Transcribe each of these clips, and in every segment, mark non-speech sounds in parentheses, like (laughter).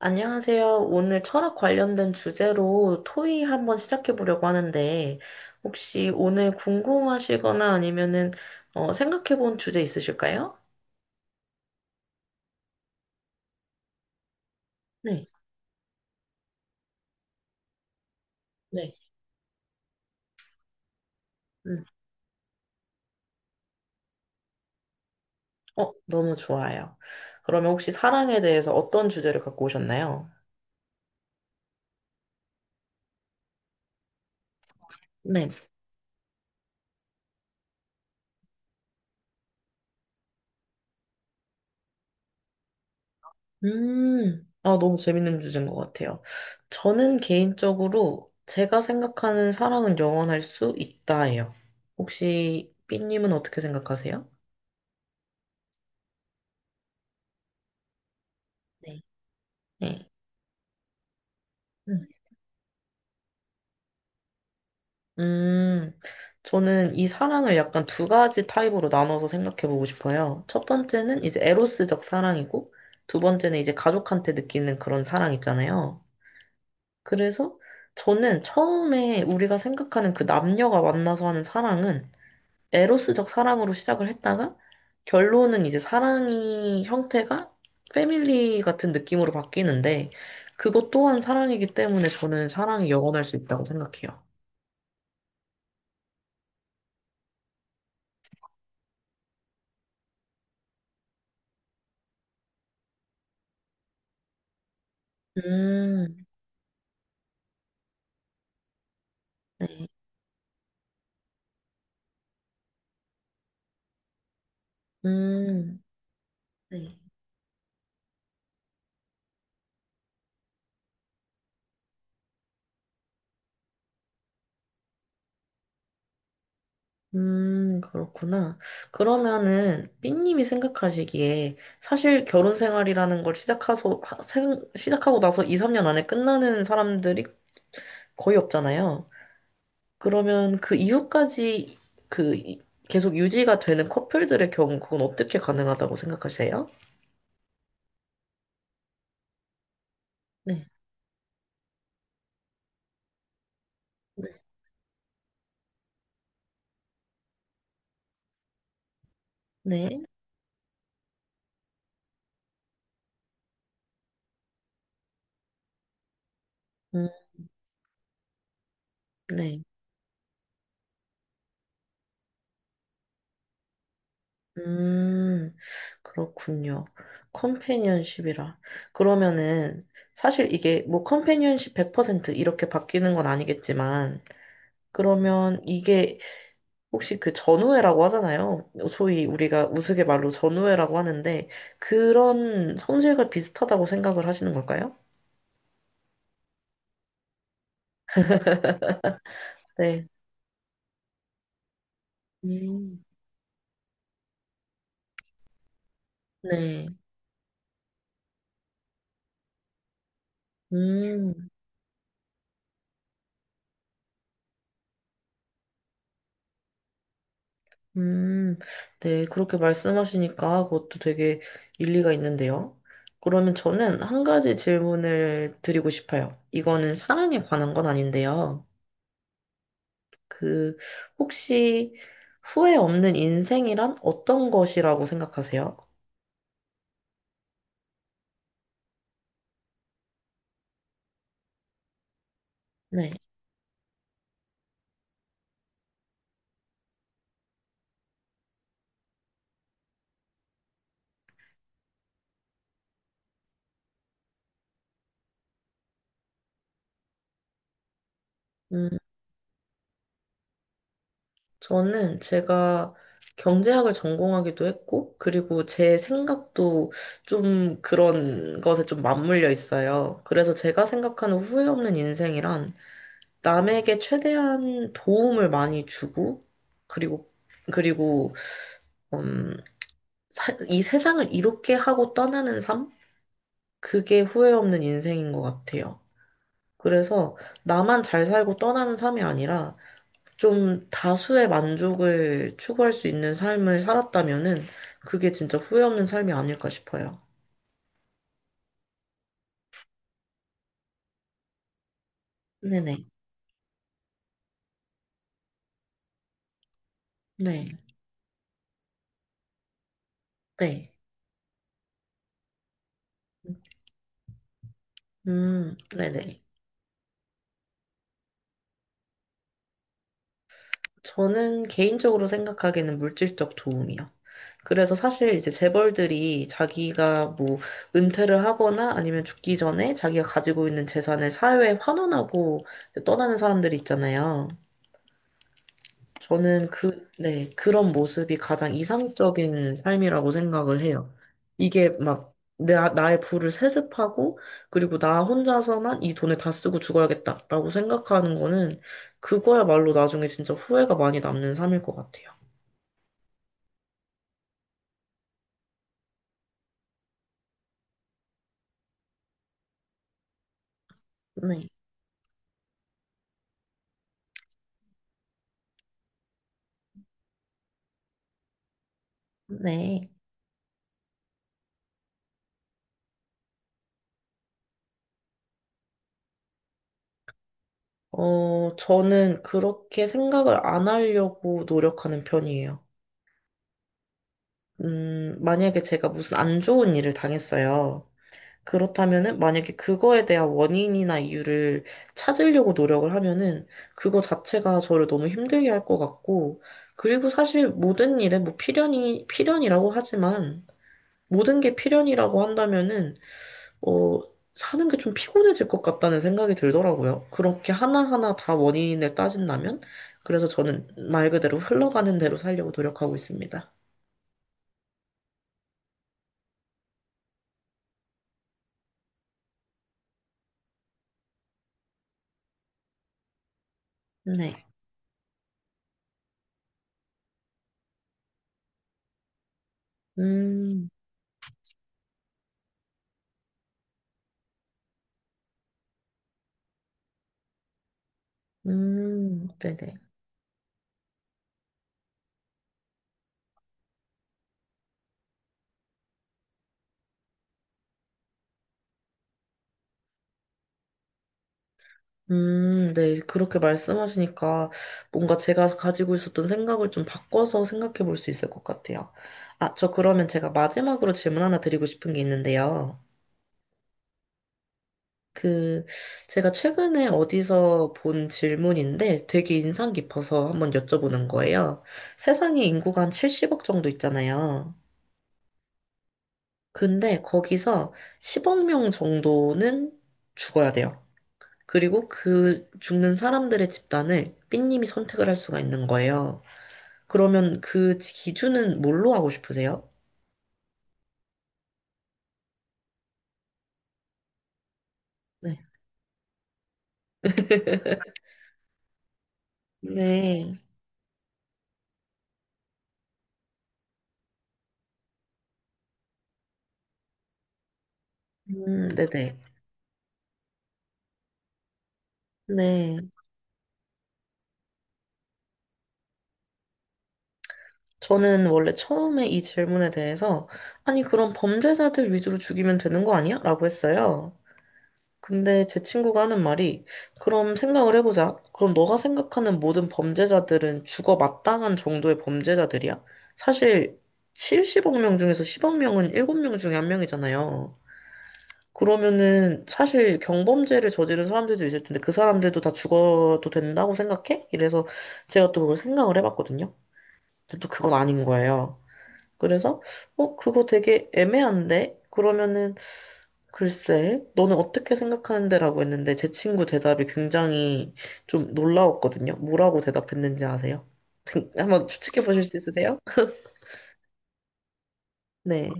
안녕하세요. 오늘 철학 관련된 주제로 토의 한번 시작해 보려고 하는데, 혹시 오늘 궁금하시거나 아니면은 생각해 본 주제 있으실까요? 네, 네. 음. 너무 좋아요. 그러면 혹시 사랑에 대해서 어떤 주제를 갖고 오셨나요? 네. 아, 너무 재밌는 주제인 것 같아요. 저는 개인적으로 제가 생각하는 사랑은 영원할 수 있다예요. 혹시 삐님은 어떻게 생각하세요? 네. 네. 음, 저는 이 사랑을 약간 두 가지 타입으로 나눠서 생각해 보고 싶어요. 첫 번째는 이제 에로스적 사랑이고, 두 번째는 이제 가족한테 느끼는 그런 사랑 있잖아요. 그래서 저는 처음에 우리가 생각하는 그 남녀가 만나서 하는 사랑은 에로스적 사랑으로 시작을 했다가, 결론은 이제 사랑이 형태가 패밀리 같은 느낌으로 바뀌는데, 그것 또한 사랑이기 때문에 저는 사랑이 영원할 수 있다고 생각해요. 음, 네. 음, 네. 그렇구나. 그러면은, 삐님이 생각하시기에, 사실 결혼 생활이라는 걸 시작하서, 시작하고 나서 2, 3년 안에 끝나는 사람들이 거의 없잖아요. 그러면 그 이후까지 그 이- 계속 유지가 되는 커플들의 경우, 그건 어떻게 가능하다고 생각하세요? 네. 네. 음, 네. 음, 그렇군요. 컴패니언십이라. 그러면은, 사실 이게 뭐 컴패니언십 100% 이렇게 바뀌는 건 아니겠지만, 그러면 이게 혹시 그 전우회라고 하잖아요. 소위 우리가 우스갯말로 전우회라고 하는데, 그런 성질과 비슷하다고 생각을 하시는 걸까요? 네. 음. 네. 음, 음, 네, 그렇게 말씀하시니까 그것도 되게 일리가 있는데요. 그러면 저는 한 가지 질문을 드리고 싶어요. 이거는 사랑에 관한 건 아닌데요. 그, 혹시 후회 없는 인생이란 어떤 것이라고 생각하세요? 네. 음, 저는 제가 경제학을 전공하기도 했고, 그리고 제 생각도 좀 그런 것에 좀 맞물려 있어요. 그래서 제가 생각하는 후회 없는 인생이란 남에게 최대한 도움을 많이 주고, 그리고, 그리고, 음, 이 세상을 이롭게 하고 떠나는 삶? 그게 후회 없는 인생인 것 같아요. 그래서 나만 잘 살고 떠나는 삶이 아니라 좀 다수의 만족을 추구할 수 있는 삶을 살았다면은 그게 진짜 후회 없는 삶이 아닐까 싶어요. 네네. 네. 네. 네네. 저는 개인적으로 생각하기에는 물질적 도움이요. 그래서 사실 이제 재벌들이 자기가 뭐 은퇴를 하거나 아니면 죽기 전에 자기가 가지고 있는 재산을 사회에 환원하고 이제 떠나는 사람들이 있잖아요. 저는 그, 네, 그런 모습이 가장 이상적인 삶이라고 생각을 해요. 이게 막 내, 나의 부를 세습하고 그리고 나 혼자서만 이 돈을 다 쓰고 죽어야겠다라고 생각하는 거는 그거야말로 나중에 진짜 후회가 많이 남는 삶일 것 같아요. 네, 네. 저는 그렇게 생각을 안 하려고 노력하는 편이에요. 만약에 제가 무슨 안 좋은 일을 당했어요. 그렇다면은, 만약에 그거에 대한 원인이나 이유를 찾으려고 노력을 하면은, 그거 자체가 저를 너무 힘들게 할 것 같고, 그리고 사실 모든 일에 뭐 필연이라고 하지만, 모든 게 필연이라고 한다면은, 어, 사는 게 좀 피곤해질 것 같다는 생각이 들더라고요. 그렇게 하나하나 다 원인을 따진다면? 그래서 저는 말 그대로 흘러가는 대로 살려고 노력하고 있습니다. 네. 음, 네네. 네. 그렇게 말씀하시니까 뭔가 제가 가지고 있었던 생각을 좀 바꿔서 생각해 볼 수 있을 것 같아요. 아, 저 그러면 제가 마지막으로 질문 하나 드리고 싶은 게 있는데요. 그, 제가 최근에 어디서 본 질문인데 되게 인상 깊어서 한번 여쭤보는 거예요. 세상에 인구가 한 70억 정도 있잖아요. 근데 거기서 10억 명 정도는 죽어야 돼요. 그리고 그 죽는 사람들의 집단을 삐님이 선택을 할 수가 있는 거예요. 그러면 그 기준은 뭘로 하고 싶으세요? 네. 네. 네네. 네. 저는 원래 처음에 이 질문에 대해서, 아니, 그럼 범죄자들 위주로 죽이면 되는 거 아니야? 라고 했어요. 근데 제 친구가 하는 말이, 그럼 생각을 해보자. 그럼 너가 생각하는 모든 범죄자들은 죽어 마땅한 정도의 범죄자들이야? 사실, 70억 명 중에서 10억 명은 7명 중에 한명이잖아요 그러면은 사실 경범죄를 저지른 사람들도 있을 텐데 그 사람들도 다 죽어도 된다고 생각해? 이래서 제가 또 그걸 생각을 해봤거든요. 근데 또 그건 아닌 거예요. 그래서, 그거 되게 애매한데? 그러면은, 글쎄, 너는 어떻게 생각하는데? 라고 했는데, 제 친구 대답이 굉장히 좀 놀라웠거든요. 뭐라고 대답했는지 아세요? (laughs) 한번 추측해 보실 수 있으세요? 네.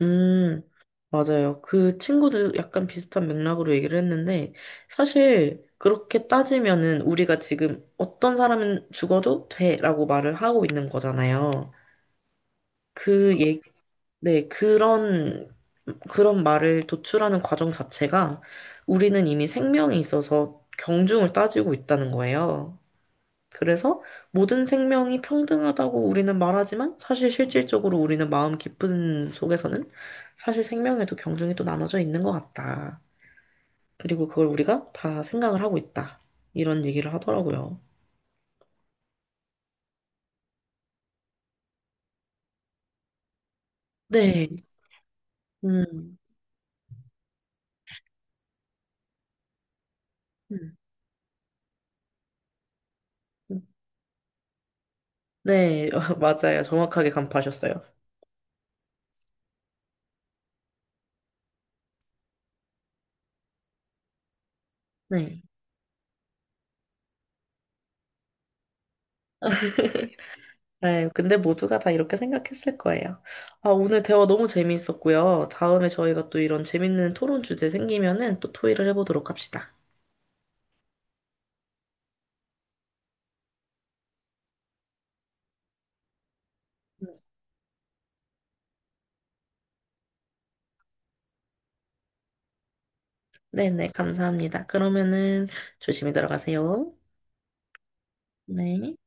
음, 맞아요. 그 친구도 약간 비슷한 맥락으로 얘기를 했는데, 사실, 그렇게 따지면은 우리가 지금 어떤 사람은 죽어도 돼라고 말을 하고 있는 거잖아요. 그 네, 그런, 말을 도출하는 과정 자체가 우리는 이미 생명이 있어서 경중을 따지고 있다는 거예요. 그래서 모든 생명이 평등하다고 우리는 말하지만 사실 실질적으로 우리는 마음 깊은 속에서는 사실 생명에도 경중이 또 나눠져 있는 것 같다. 그리고 그걸 우리가 다 생각을 하고 있다. 이런 얘기를 하더라고요. 네, 음, 음, 음. 네, (laughs) 맞아요. 정확하게 간파하셨어요. 네. 네, 근데 모두가 다 이렇게 생각했을 거예요. 아, 오늘 대화 너무 재미있었고요. 다음에 저희가 또 이런 재밌는 토론 주제 생기면은 또 토의를 해보도록 합시다. 네네, 감사합니다. 그러면은 조심히 들어가세요. 네.